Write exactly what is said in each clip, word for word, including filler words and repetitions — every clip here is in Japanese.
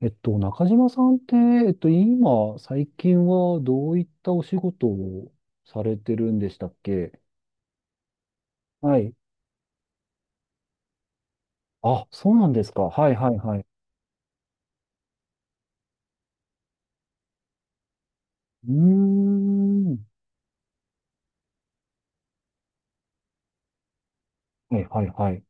えっと、中島さんって、えっと、今、最近はどういったお仕事をされてるんでしたっけ？はい。あ、そうなんですか。はいはいはい。うーん。はいはいはい。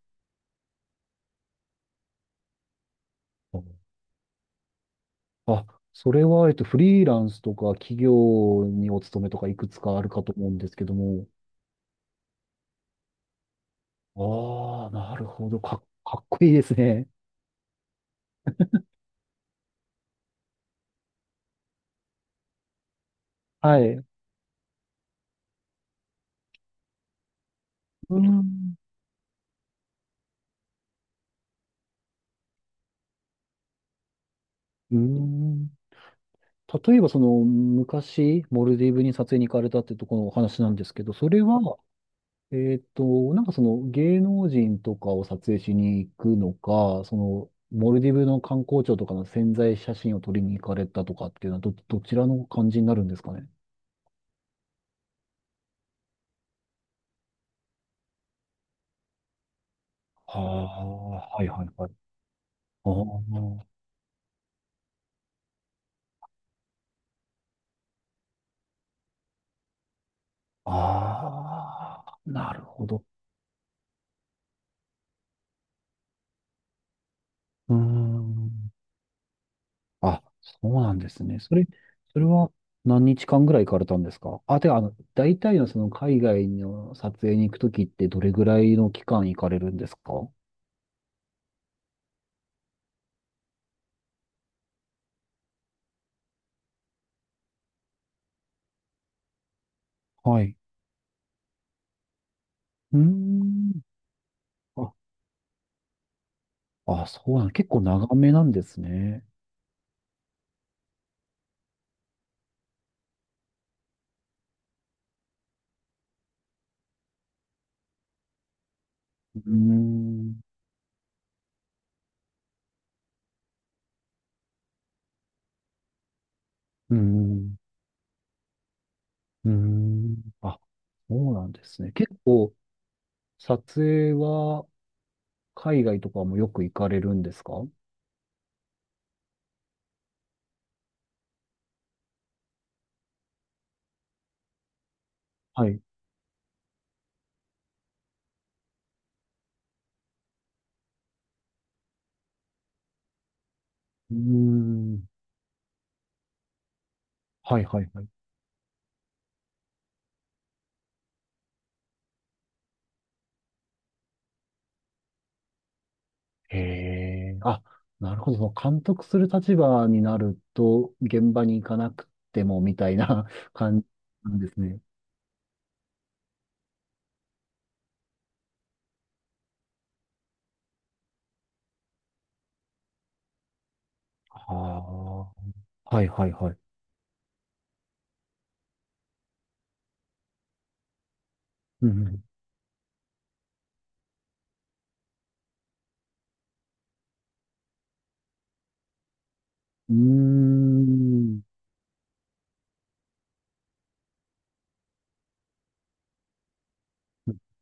あ、それは、えっと、フリーランスとか企業にお勤めとかいくつかあるかと思うんですけども。ああ、なるほど。か、かっこいいですね。はい。うーん。うーん。例えばその昔、モルディブに撮影に行かれたってところのお話なんですけど、それは、えっと、なんかその芸能人とかを撮影しに行くのか、そのモルディブの観光庁とかの宣材写真を撮りに行かれたとかっていうのはど、どちらの感じになるんですかね。はあ、はいはいはい。ああ、ああなるほど。うーん。あ、そうなんですね。それ、それは何日間ぐらい行かれたんですか？あ、てか、あの、大体のその海外の撮影に行くときってどれぐらいの期間行かれるんですか？はい。うーん。あ、あ、そうなん、結構長めなんですね。うーん。うーん。うーん。あ、そうなんですね。結構、撮影は海外とかもよく行かれるんですか？はい。うーん。はいはいはい。へえ。あ、なるほど。もう監督する立場になると、現場に行かなくても、みたいな 感じなんですね。はあ。はいはいはい。うん。うんうーん。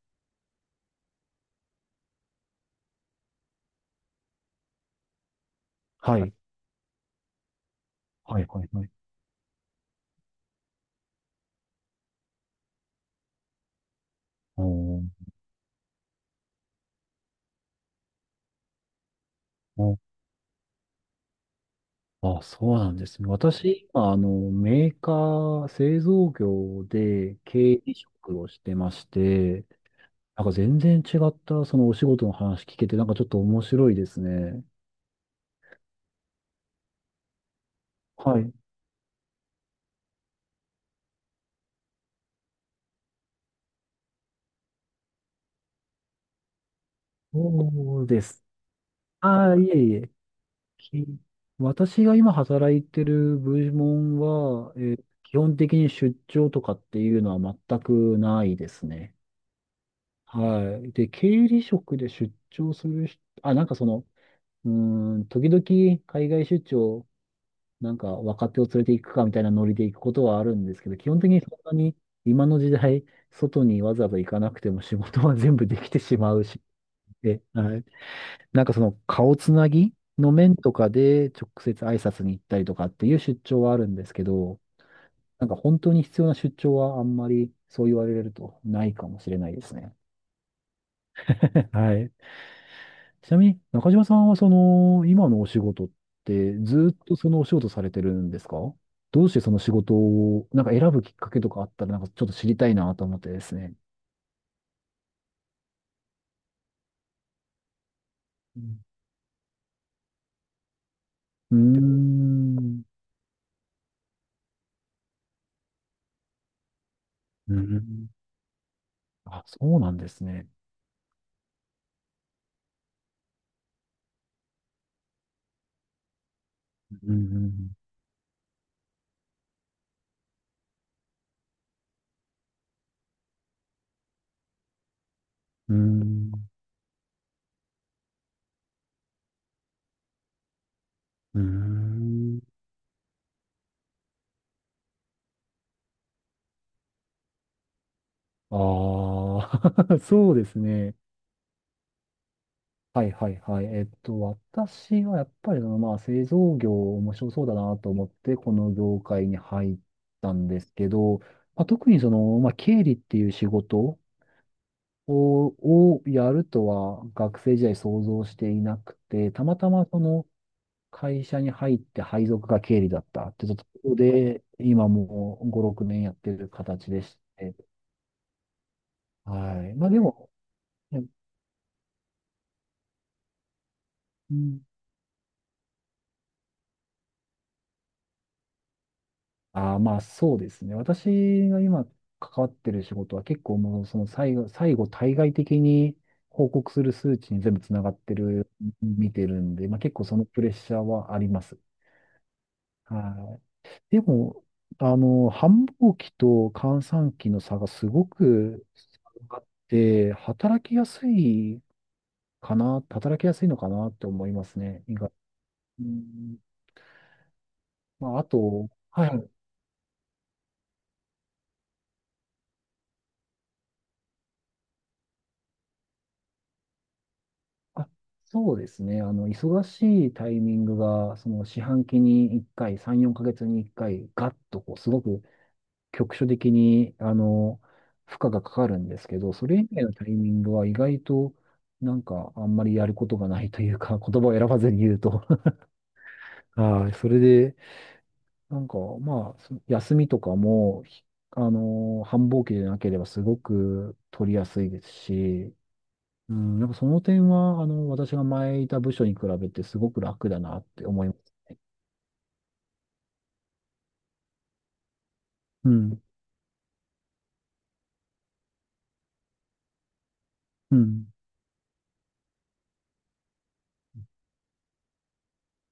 はい。はいはいはい。おーおーあ、そうなんですね。私、今、あの、メーカー、製造業で経理職をしてまして、なんか全然違った、そのお仕事の話聞けて、なんかちょっと面白いですね。はい。そうです。ああ、いえいえ。き私が今働いてる部門は、えー基本的に出張とかっていうのは全くないですね。はい。で、経理職で出張する人、あ、なんかその、うーん、時々海外出張、なんか若手を連れて行くかみたいなノリで行くことはあるんですけど、基本的にそんなに今の時代、外にわざわざ行かなくても仕事は全部できてしまうし、ではいなんかその顔つなぎの面とかで直接挨拶に行ったりとかっていう出張はあるんですけど、なんか本当に必要な出張はあんまりそう言われるとないかもしれないですね。はい。ちなみに中島さんはその今のお仕事ってずっとそのお仕事されてるんですか？どうしてその仕事をなんか選ぶきっかけとかあったらなんかちょっと知りたいなと思ってですね。うんうーん。うん。あ、そうなんですね。うんうんうんうーん。ああ、そうですね。はいはいはい。えっと、私はやっぱりその、まあ、製造業面白そうだなと思って、この業界に入ったんですけど、まあ、特にその、まあ、経理っていう仕事を、をやるとは学生時代想像していなくて、たまたまその会社に入って配属が経理だったってところで、今もうご、ろくねんやってる形でして、はい。まあでも、うんああ、まあそうですね。私が今関わってる仕事は結構もうその最後、最後対外的に報告する数値に全部つながってる、見てるんで、まあ結構そのプレッシャーはあります。はい。でも、あの、繁忙期と閑散期の差がすごくあって、働きやすいかな、働きやすいのかなって思いますね。意外。うん、まああと、はい。あそうですね。あの、忙しいタイミングが、その四半期にいっかい、さん、よんかげつにいっかい、ガッとこう、すごく局所的に、あの、負荷がかかるんですけど、それ以外のタイミングは意外と、なんか、あんまりやることがないというか、言葉を選ばずに言うと。はい。それで、なんか、まあ、そ休みとかも、ひあの、繁忙期でなければすごく取りやすいですし、うん、やっぱその点は、あの、私が前いた部署に比べてすごく楽だなって思います。うん。うん。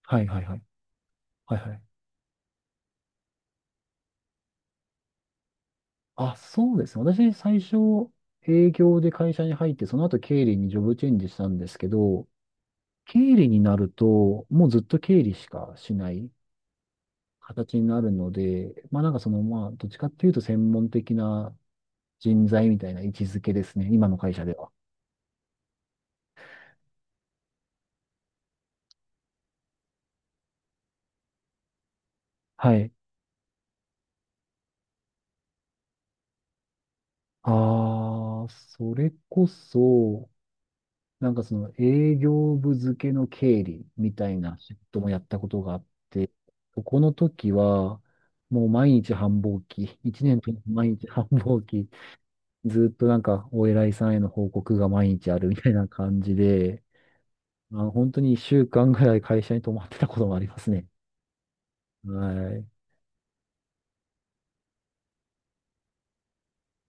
はいはいはい。はいはい。あ、そうですね。私、最初、営業で会社に入って、その後経理にジョブチェンジしたんですけど、経理になると、もうずっと経理しかしない形になるので、まあなんかその、まあ、どっちかっていうと専門的な人材みたいな位置づけですね。今の会社では。はい。ああ、それこそ、なんかその営業部付けの経理みたいな仕事もやったことがあって、この時は、もう毎日繁忙期、いちねんとも毎日繁忙期、ずっとなんかお偉いさんへの報告が毎日あるみたいな感じで、まあ、本当にいっしゅうかんぐらい会社に泊まってたこともありますね。はい。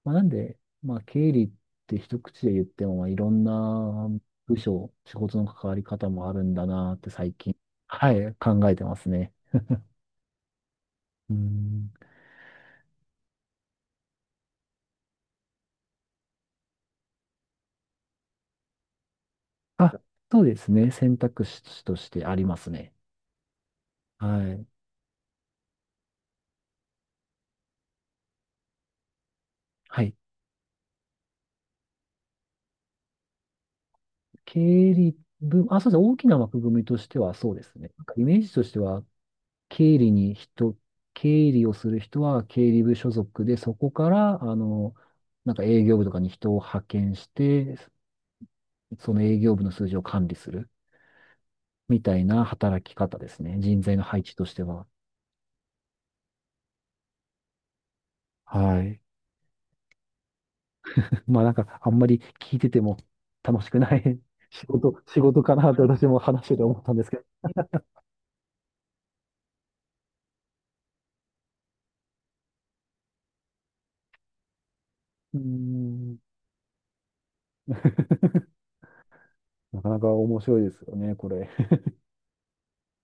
まあ、なんで、まあ経理って一口で言っても、まあ、いろんな部署、仕事の関わり方もあるんだなって最近、はい、考えてますね。うんあ、そうですね。選択肢としてありますね。はい。はい。経理部、あ、そうですね。大きな枠組みとしてはそうですね。なんかイメージとしては、経理に人、経理をする人は経理部所属で、そこから、あの、なんか営業部とかに人を派遣して、その営業部の数字を管理するみたいな働き方ですね。人材の配置としては。はい。まあなんか、あんまり聞いてても楽しくない 仕事、仕事かなって私も話してて思ったんですけど、うーん。なかなか面白いですよね、これ。